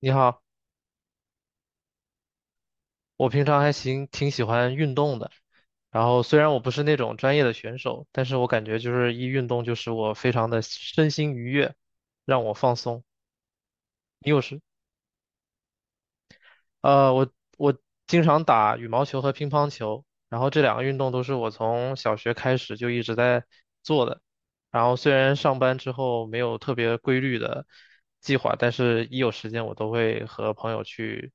你好，我平常还行，挺喜欢运动的。然后虽然我不是那种专业的选手，但是我感觉就是一运动就使我非常的身心愉悦，让我放松。你有时，呃，我我经常打羽毛球和乒乓球，然后这两个运动都是我从小学开始就一直在做的。然后虽然上班之后没有特别规律的计划，但是一有时间我都会和朋友去。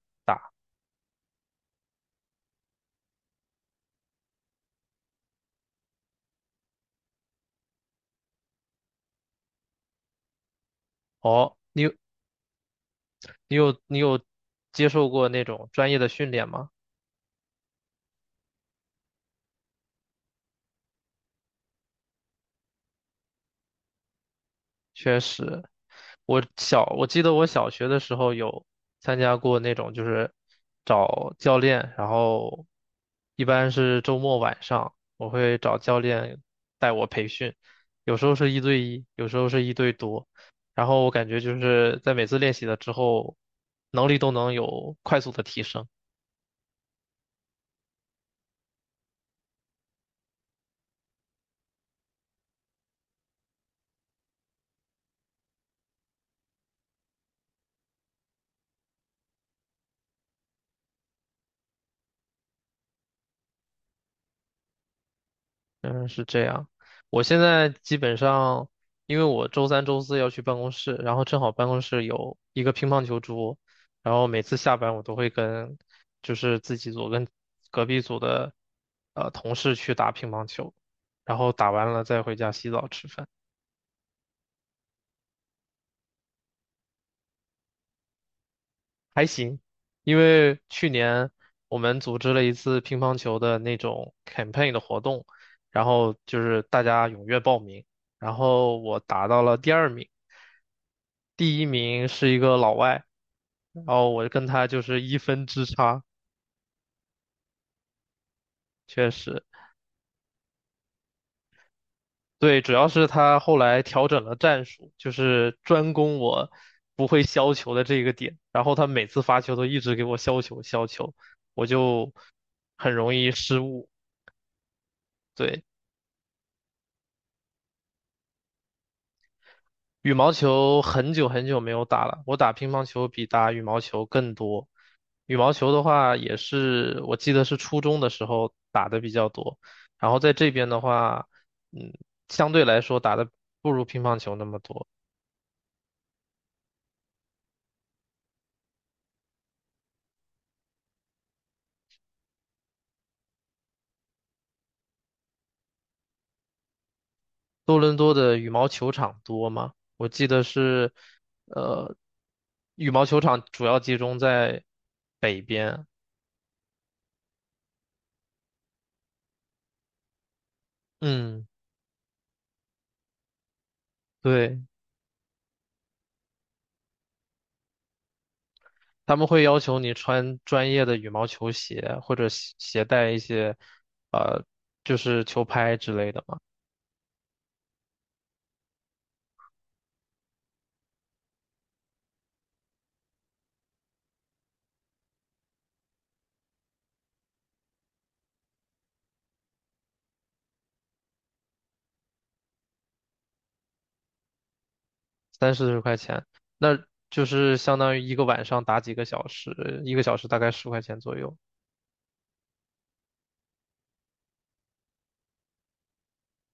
哦，你有接受过那种专业的训练吗？确实，我记得我小学的时候有参加过那种，就是找教练，然后一般是周末晚上，我会找教练带我培训，有时候是一对一，有时候是一对多，然后我感觉就是在每次练习了之后，能力都能有快速的提升。嗯，是这样。我现在基本上，因为我周三、周四要去办公室，然后正好办公室有一个乒乓球桌，然后每次下班我都会跟，就是自己组跟隔壁组的同事去打乒乓球，然后打完了再回家洗澡吃饭。还行，因为去年我们组织了一次乒乓球的那种 campaign 的活动，然后就是大家踊跃报名，然后我达到了第二名，第一名是一个老外，然后我跟他就是一分之差，确实。对，主要是他后来调整了战术，就是专攻我不会削球的这个点，然后他每次发球都一直给我削球削球，我就很容易失误。对，羽毛球很久很久没有打了，我打乒乓球比打羽毛球更多。羽毛球的话，也是我记得是初中的时候打的比较多，然后在这边的话，嗯，相对来说打的不如乒乓球那么多。多伦多的羽毛球场多吗？我记得是，呃，羽毛球场主要集中在北边。嗯，对。他们会要求你穿专业的羽毛球鞋，或者携带一些，呃，就是球拍之类的嘛，三四十块钱，那就是相当于一个晚上打几个小时，一个小时大概十块钱左右。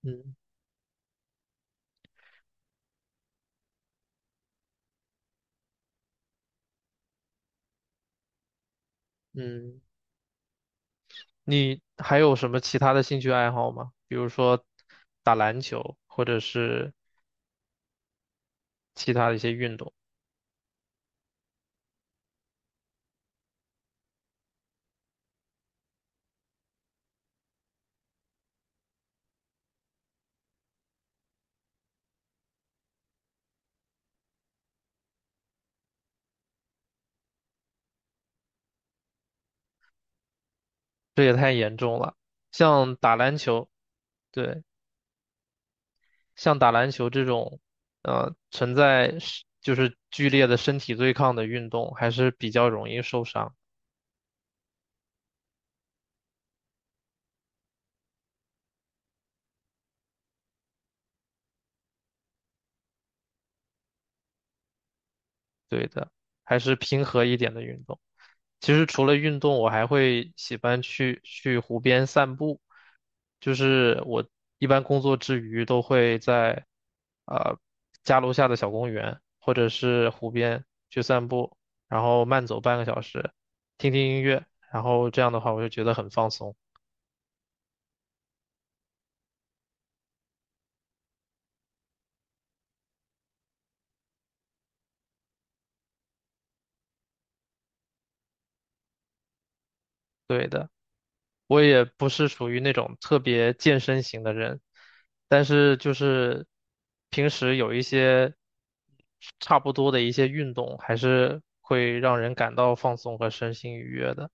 嗯嗯，你还有什么其他的兴趣爱好吗？比如说打篮球，或者是其他的一些运动，这也太严重了。像打篮球，对。像打篮球这种，存在是就是剧烈的身体对抗的运动，还是比较容易受伤。对的，还是平和一点的运动。其实除了运动，我还会喜欢去湖边散步。就是我一般工作之余都会在呃家楼下的小公园或者是湖边去散步，然后慢走半个小时，听听音乐，然后这样的话我就觉得很放松。对的。我也不是属于那种特别健身型的人，但是就是平时有一些差不多的一些运动，还是会让人感到放松和身心愉悦的。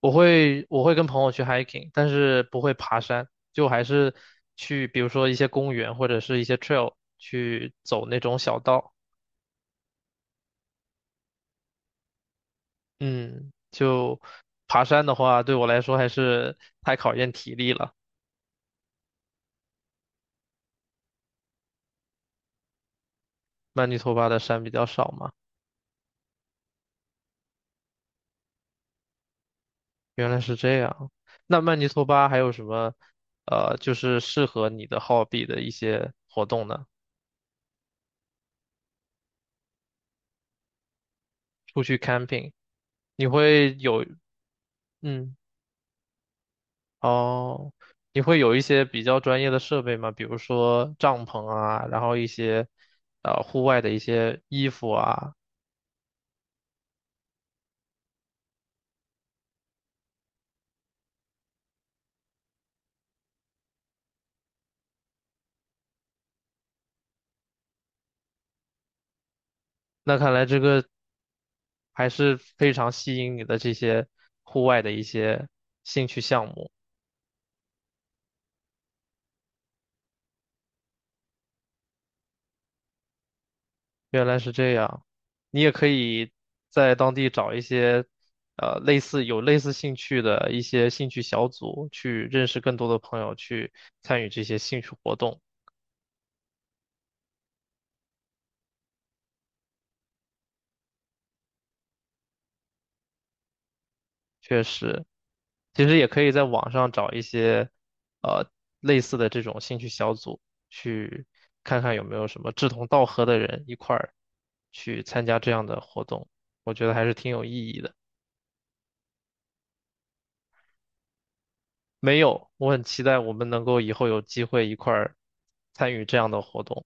我会跟朋友去 hiking，但是不会爬山，就还是去比如说一些公园或者是一些 trail 去走那种小道。嗯，就爬山的话，对我来说还是太考验体力了。曼尼托巴的山比较少嘛。原来是这样。那曼尼托巴还有什么，就是适合你的 hobby 的一些活动呢？出去 camping，你会有，嗯，哦，你会有一些比较专业的设备吗？比如说帐篷啊，然后一些，户外的一些衣服啊。那看来这个还是非常吸引你的这些户外的一些兴趣项目。原来是这样，你也可以在当地找一些，类似兴趣的一些兴趣小组，去认识更多的朋友，去参与这些兴趣活动。确实，其实也可以在网上找一些，呃，类似的这种兴趣小组，去看看有没有什么志同道合的人一块儿去参加这样的活动，我觉得还是挺有意义的。没有，我很期待我们能够以后有机会一块儿参与这样的活动。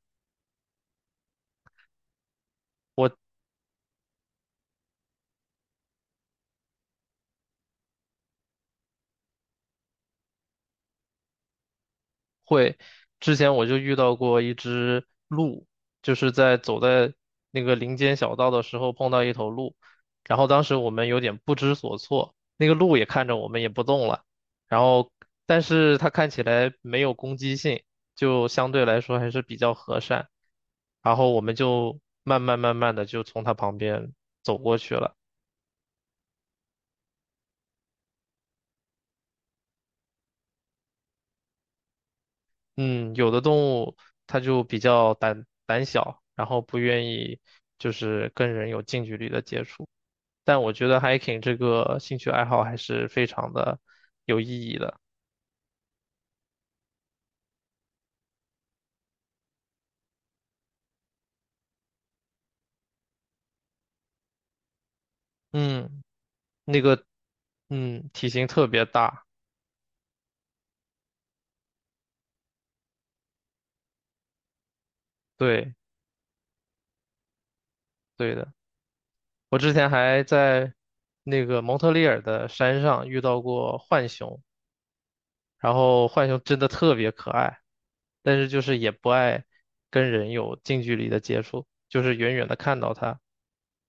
会，之前我就遇到过一只鹿，就是走在那个林间小道的时候碰到一头鹿，然后当时我们有点不知所措，那个鹿也看着我们也不动了，然后但是它看起来没有攻击性，就相对来说还是比较和善，然后我们就慢慢慢慢的就从它旁边走过去了。嗯，有的动物它就比较胆小，然后不愿意就是跟人有近距离的接触。但我觉得 hiking 这个兴趣爱好还是非常的有意义的。嗯，那个，嗯，体型特别大，对，对的。我之前还在那个蒙特利尔的山上遇到过浣熊，然后浣熊真的特别可爱，但是就是也不爱跟人有近距离的接触，就是远远的看到它，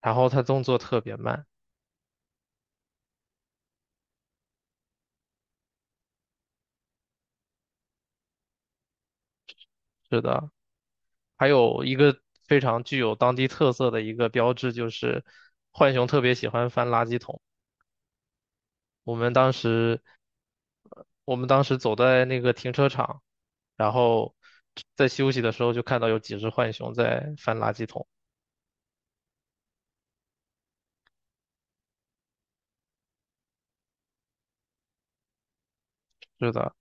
然后它动作特别慢。是的，还有一个非常具有当地特色的一个标志就是浣熊特别喜欢翻垃圾桶。我们当时，我们当时走在那个停车场，然后在休息的时候就看到有几只浣熊在翻垃圾桶。是的，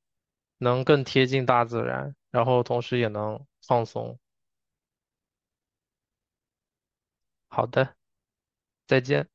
能更贴近大自然，然后同时也能放松。好的，再见。